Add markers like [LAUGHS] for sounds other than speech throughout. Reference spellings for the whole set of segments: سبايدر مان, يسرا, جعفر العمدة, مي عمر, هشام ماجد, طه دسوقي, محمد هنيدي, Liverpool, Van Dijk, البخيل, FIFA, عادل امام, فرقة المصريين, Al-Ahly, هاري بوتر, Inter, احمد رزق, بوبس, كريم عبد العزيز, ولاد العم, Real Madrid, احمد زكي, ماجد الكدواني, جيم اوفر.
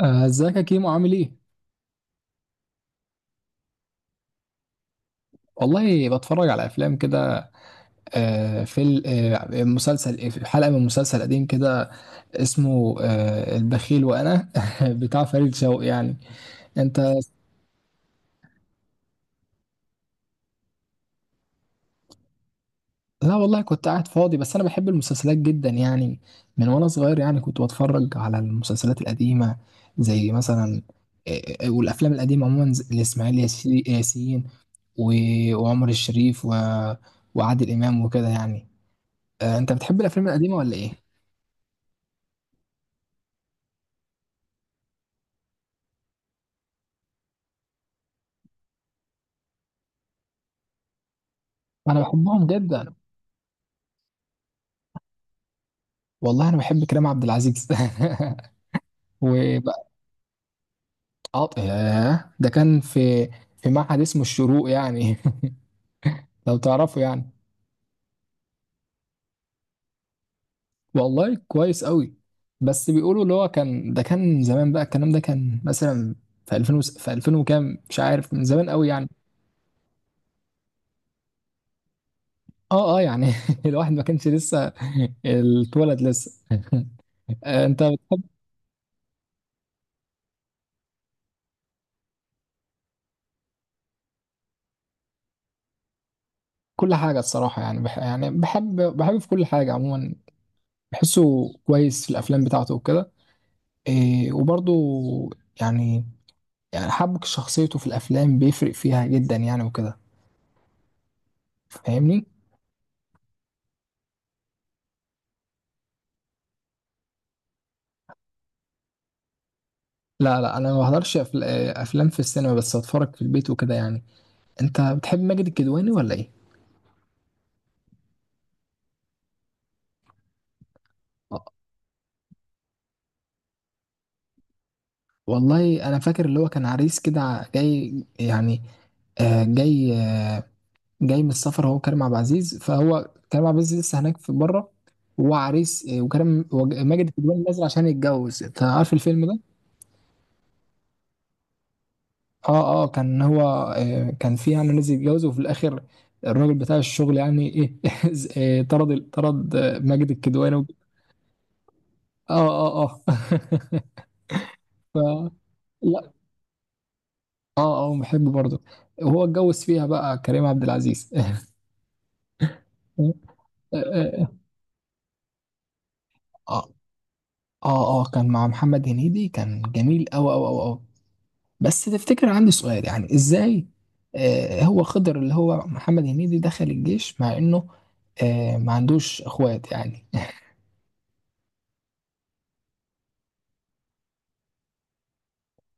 ازيك يا كيمو عامل ايه؟ والله بتفرج على افلام كده. آه، فيل- آه، مسلسل آه، في حلقه من مسلسل قديم كده اسمه البخيل، وانا [LAUGHS] بتاع فريد شوقي يعني. انت... لا والله كنت قاعد فاضي، بس انا بحب المسلسلات جدا يعني، من وانا صغير يعني كنت بتفرج على المسلسلات القديمه، زي مثلا والافلام القديمه عموما، لاسماعيل ياسين وعمر الشريف وعادل امام وكده يعني. انت بتحب الافلام القديمه ولا ايه؟ انا بحبهم جدا. والله انا بحب كريم عبد العزيز [LAUGHS] وبقى. ياه، ده كان في معهد اسمه الشروق يعني [LAUGHS] لو تعرفه يعني. والله كويس قوي. بس بيقولوا اللي هو كان، ده كان زمان بقى، الكلام ده كان مثلا في 2000 وكام، مش عارف، من زمان قوي يعني. اه، اه، يعني [LAUGHS] الواحد ما كانش لسه اتولد لسه [LAUGHS] انت بتحب كل حاجه، الصراحه يعني، يعني بحب في كل حاجه عموما، بحسه كويس في الافلام بتاعته وكده. إيه، وبرضو يعني يعني حبك شخصيته في الافلام بيفرق فيها جدا يعني وكده. فاهمني؟ لا، لا، انا ما بحضرش افلام في السينما، بس اتفرج في البيت وكده يعني. انت بتحب ماجد الكدواني ولا ايه؟ آه، والله انا فاكر، اللي هو كان عريس كده، جاي يعني، آه، جاي آه، جاي من السفر. هو كريم عبد العزيز لسه هناك في بره، وهو عريس وكريم ماجد الكدواني نازل عشان يتجوز. انت عارف الفيلم ده؟ اه، اه، كان هو... كان في يعني ناس يتجوزوا، وفي الاخر الراجل بتاع الشغل يعني ايه [LAUGHS] طرد ماجد الكدواني اه، اه، اه، [LAUGHS] ف لا، اه، اه، بحب برضه، وهو اتجوز فيها بقى كريم عبد العزيز [LAUGHS] اه، اه، اه، كان مع محمد هنيدي، كان جميل أوي أوي أوي أوي. بس تفتكر، عندي سؤال يعني، ازاي هو خضر اللي هو محمد هنيدي دخل الجيش، مع انه ما عندوش اخوات يعني؟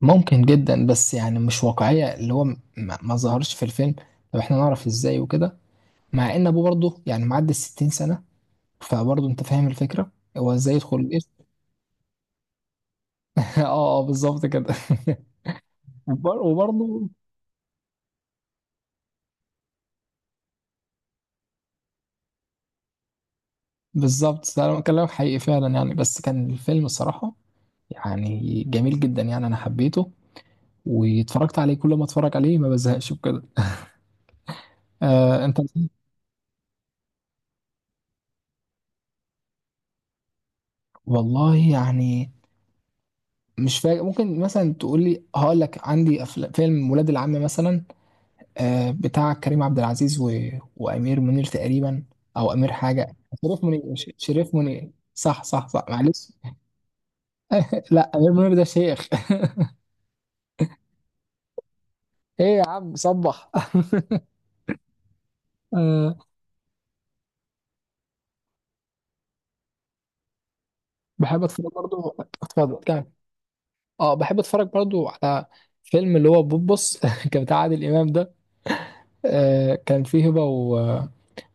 ممكن جدا، بس يعني مش واقعية، اللي هو ما ظهرش في الفيلم. طب احنا نعرف ازاي وكده؟ مع ان ابوه برضه يعني معدي الستين سنة. فبرضه انت فاهم الفكرة، هو ازاي يدخل الجيش؟ [LAUGHS] اه، اه، بالظبط كده. [LAUGHS] وبرضه... بالظبط، ده انا كلامك حقيقي فعلا يعني، بس كان الفيلم الصراحة يعني جميل جدا يعني، انا حبيته واتفرجت عليه، كل ما اتفرج عليه ما بزهقش بكده. انت... والله يعني، مش فاكر، ممكن مثلا تقول لي. هقول لك عندي فيلم ولاد العم مثلا، بتاع كريم عبد العزيز و... وامير منير تقريبا، او امير حاجه. شريف منير، شريف منير، صح، صح، صح، معلش [LAUGHS] لا، امير منير ده شيخ [LAUGHS] ايه يا عم صبح [LAUGHS] آه، بحب اتفرج برضو. اتفضل كمل. اه بحب اتفرج برضو على فيلم اللي هو بوبس [LAUGHS] كان بتاع عادل امام ده. كان فيه هبه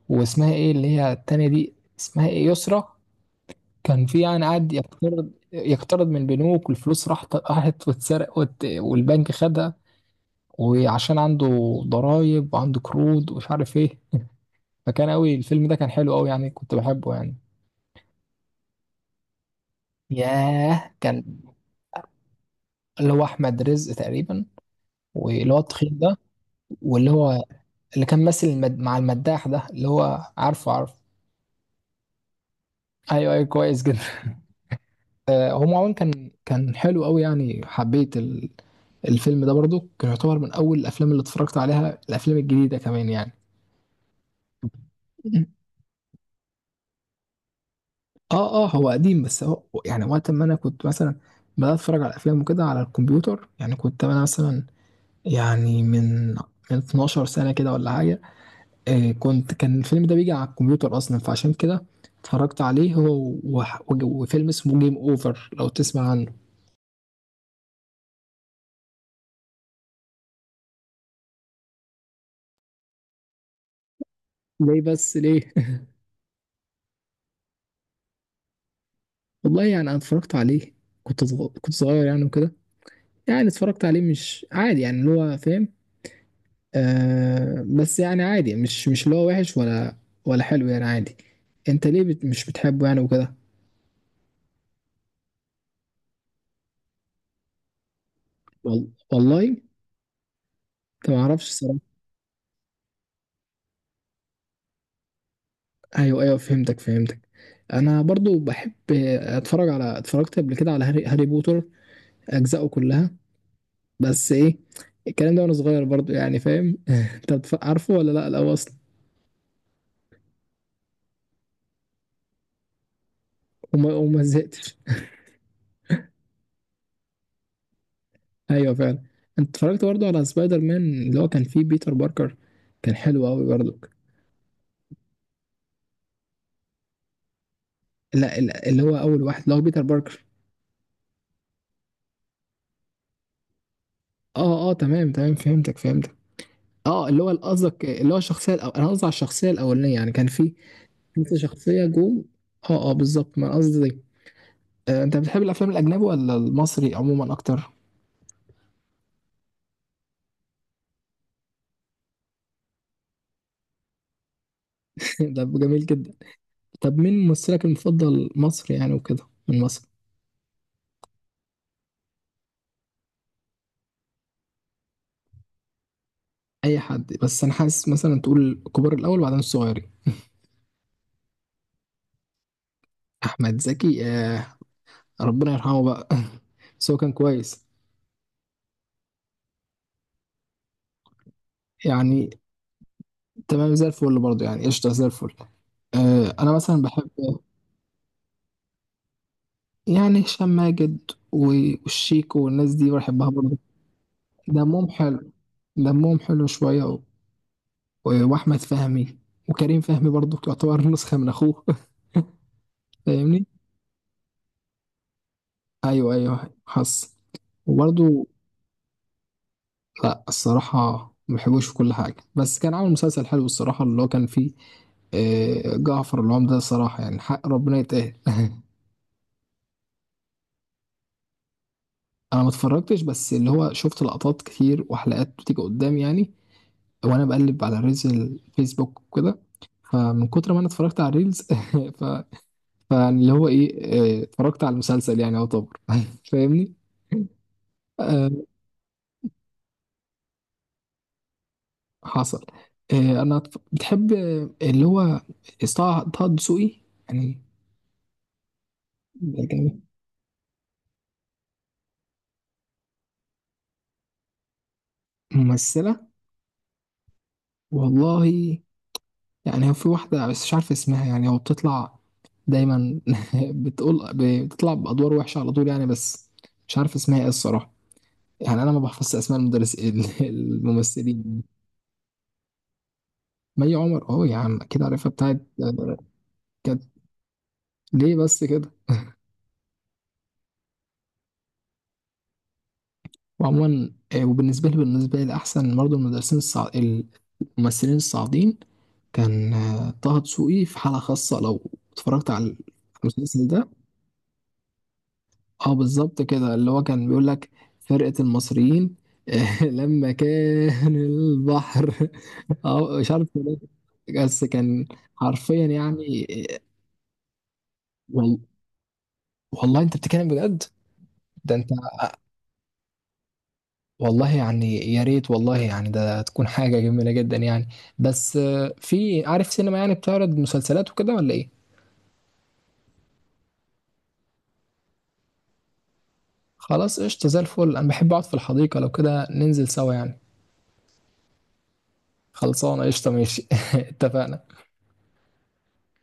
واسمها ايه اللي هي التانية دي؟ اسمها ايه، يسرا. كان في يعني قعد يقترض يقترض من البنوك، والفلوس راحت راحت واتسرق، والبنك خدها، وعشان عنده ضرايب وعنده قروض ومش عارف ايه. فكان قوي الفيلم ده، كان حلو قوي يعني كنت بحبه يعني. ياه، كان اللي هو احمد رزق تقريبا، واللي هو التخين ده، واللي هو اللي كان ماسك مع المداح ده، اللي هو عارفه عارفه. ايوه، ايوه، كويس جدا. هو عموما كان حلو قوي يعني، حبيت الفيلم ده برضو، كان يعتبر من اول الافلام اللي اتفرجت عليها، الافلام الجديده كمان يعني. اه، اه، هو قديم، بس هو يعني وقت ما انا كنت مثلا بدات اتفرج على افلام وكده على الكمبيوتر يعني، كنت انا مثلا يعني من 12 سنه كده ولا حاجه. كنت... كان الفيلم ده بيجي على الكمبيوتر اصلا، فعشان كده اتفرجت عليه هو وفيلم اسمه جيم اوفر، لو تسمع عنه. ليه، بس ليه؟ والله يعني انا اتفرجت عليه، كنت صغير يعني وكده، يعني اتفرجت عليه مش عادي يعني، اللي هو فاهم. بس يعني عادي، مش اللي هو وحش ولا حلو يعني، عادي. انت ليه مش بتحبه يعني وكده؟ والله، انت ما اعرفش الصراحه. ايوه، ايوه، فهمتك فهمتك. انا برضو بحب اتفرجت قبل كده على هاري بوتر، اجزائه كلها. بس ايه الكلام ده؟ وانا صغير برضو يعني، فاهم [LAUGHS] انت عارفه ولا لا الاول اصلا؟ وما زهقتش. ايوه فعلا. انت اتفرجت برضه على سبايدر مان اللي هو كان فيه بيتر باركر؟ كان حلو قوي برضه. لا، لا، اللي هو اول واحد اللي هو بيتر باركر. اه، اه، تمام تمام، فهمتك فهمتك. اه، اللي هو قصدك اللي هو الشخصيه انا قصدي على الشخصيه الاولانيه يعني، كان في لسه شخصيه جوه. اه، اه، بالظبط، ما أنا قصدي دي. انت بتحب الافلام الاجنبي ولا المصري عموما اكتر؟ [LAUGHS] ده جميل جدا. طب مين ممثلك المفضل مصري يعني وكده، من مصر؟ اي حد، بس انا حاسس مثلا تقول الكبار الاول وبعدين الصغيرين. احمد زكي، ربنا يرحمه بقى [LAUGHS] بس هو كان كويس يعني، تمام زي الفل برضه يعني، قشطة زي الفل. أنا مثلا بحب يعني هشام ماجد والشيكو والناس دي بحبها برضه، دمهم حلو، دمهم حلو شوية، وأحمد فهمي، وكريم فهمي برضه تعتبر نسخة من أخوه [LAUGHS] فاهمني؟ أيوه، أيوه، حصل. وبرضه... لا الصراحة، ما بحبوش في كل حاجة، بس كان عامل مسلسل حلو الصراحة، اللي هو كان فيه جعفر العمدة، الصراحة يعني حق ربنا يتقال [LAUGHS] أنا ما اتفرجتش، بس اللي هو شفت لقطات كتير وحلقات بتيجي قدام يعني، وأنا بقلب على ريلز الفيسبوك وكده، فمن كتر ما أنا اتفرجت على الريلز [LAUGHS] ف... فاللي هو إيه، اتفرجت على المسلسل يعني يعتبر [LAUGHS] فاهمني. آه، حصل. أنا بتحب اللي هو طه دسوقي؟ يعني ممثلة... والله يعني، هو في واحدة بس مش عارف اسمها يعني، هو بتطلع دايما [LAUGHS] بتقول، بتطلع بأدوار وحشة على طول يعني، بس مش عارف اسمها ايه الصراحة، يعني أنا ما بحفظش أسماء المدرس [LAUGHS] الممثلين. مي عمر، اه يا عم أكيد عارفها بتاعت... كانت، ليه بس كده؟ وعموما، وبالنسبة لي أحسن برضه المدرسين الممثلين الصاعدين. كان طه دسوقي في حالة خاصة، لو اتفرجت على المسلسل ده. اه بالظبط كده، اللي هو كان بيقول لك فرقة المصريين [LAUGHS] لما كان البحر [LAUGHS] اه مش عارف إيه ده، بس كان حرفيا يعني. آه، وال- والله انت بتتكلم بجد، ده انت... والله يعني يا ريت، والله يعني ده تكون حاجة جميلة جدا يعني، بس في عارف سينما يعني بتعرض مسلسلات وكده ولا ايه؟ خلاص قشطة زي الفل، انا بحب اقعد في الحديقة، لو كده ننزل سوا يعني. خلصانة قشطة، ماشي [LAUGHS] اتفقنا.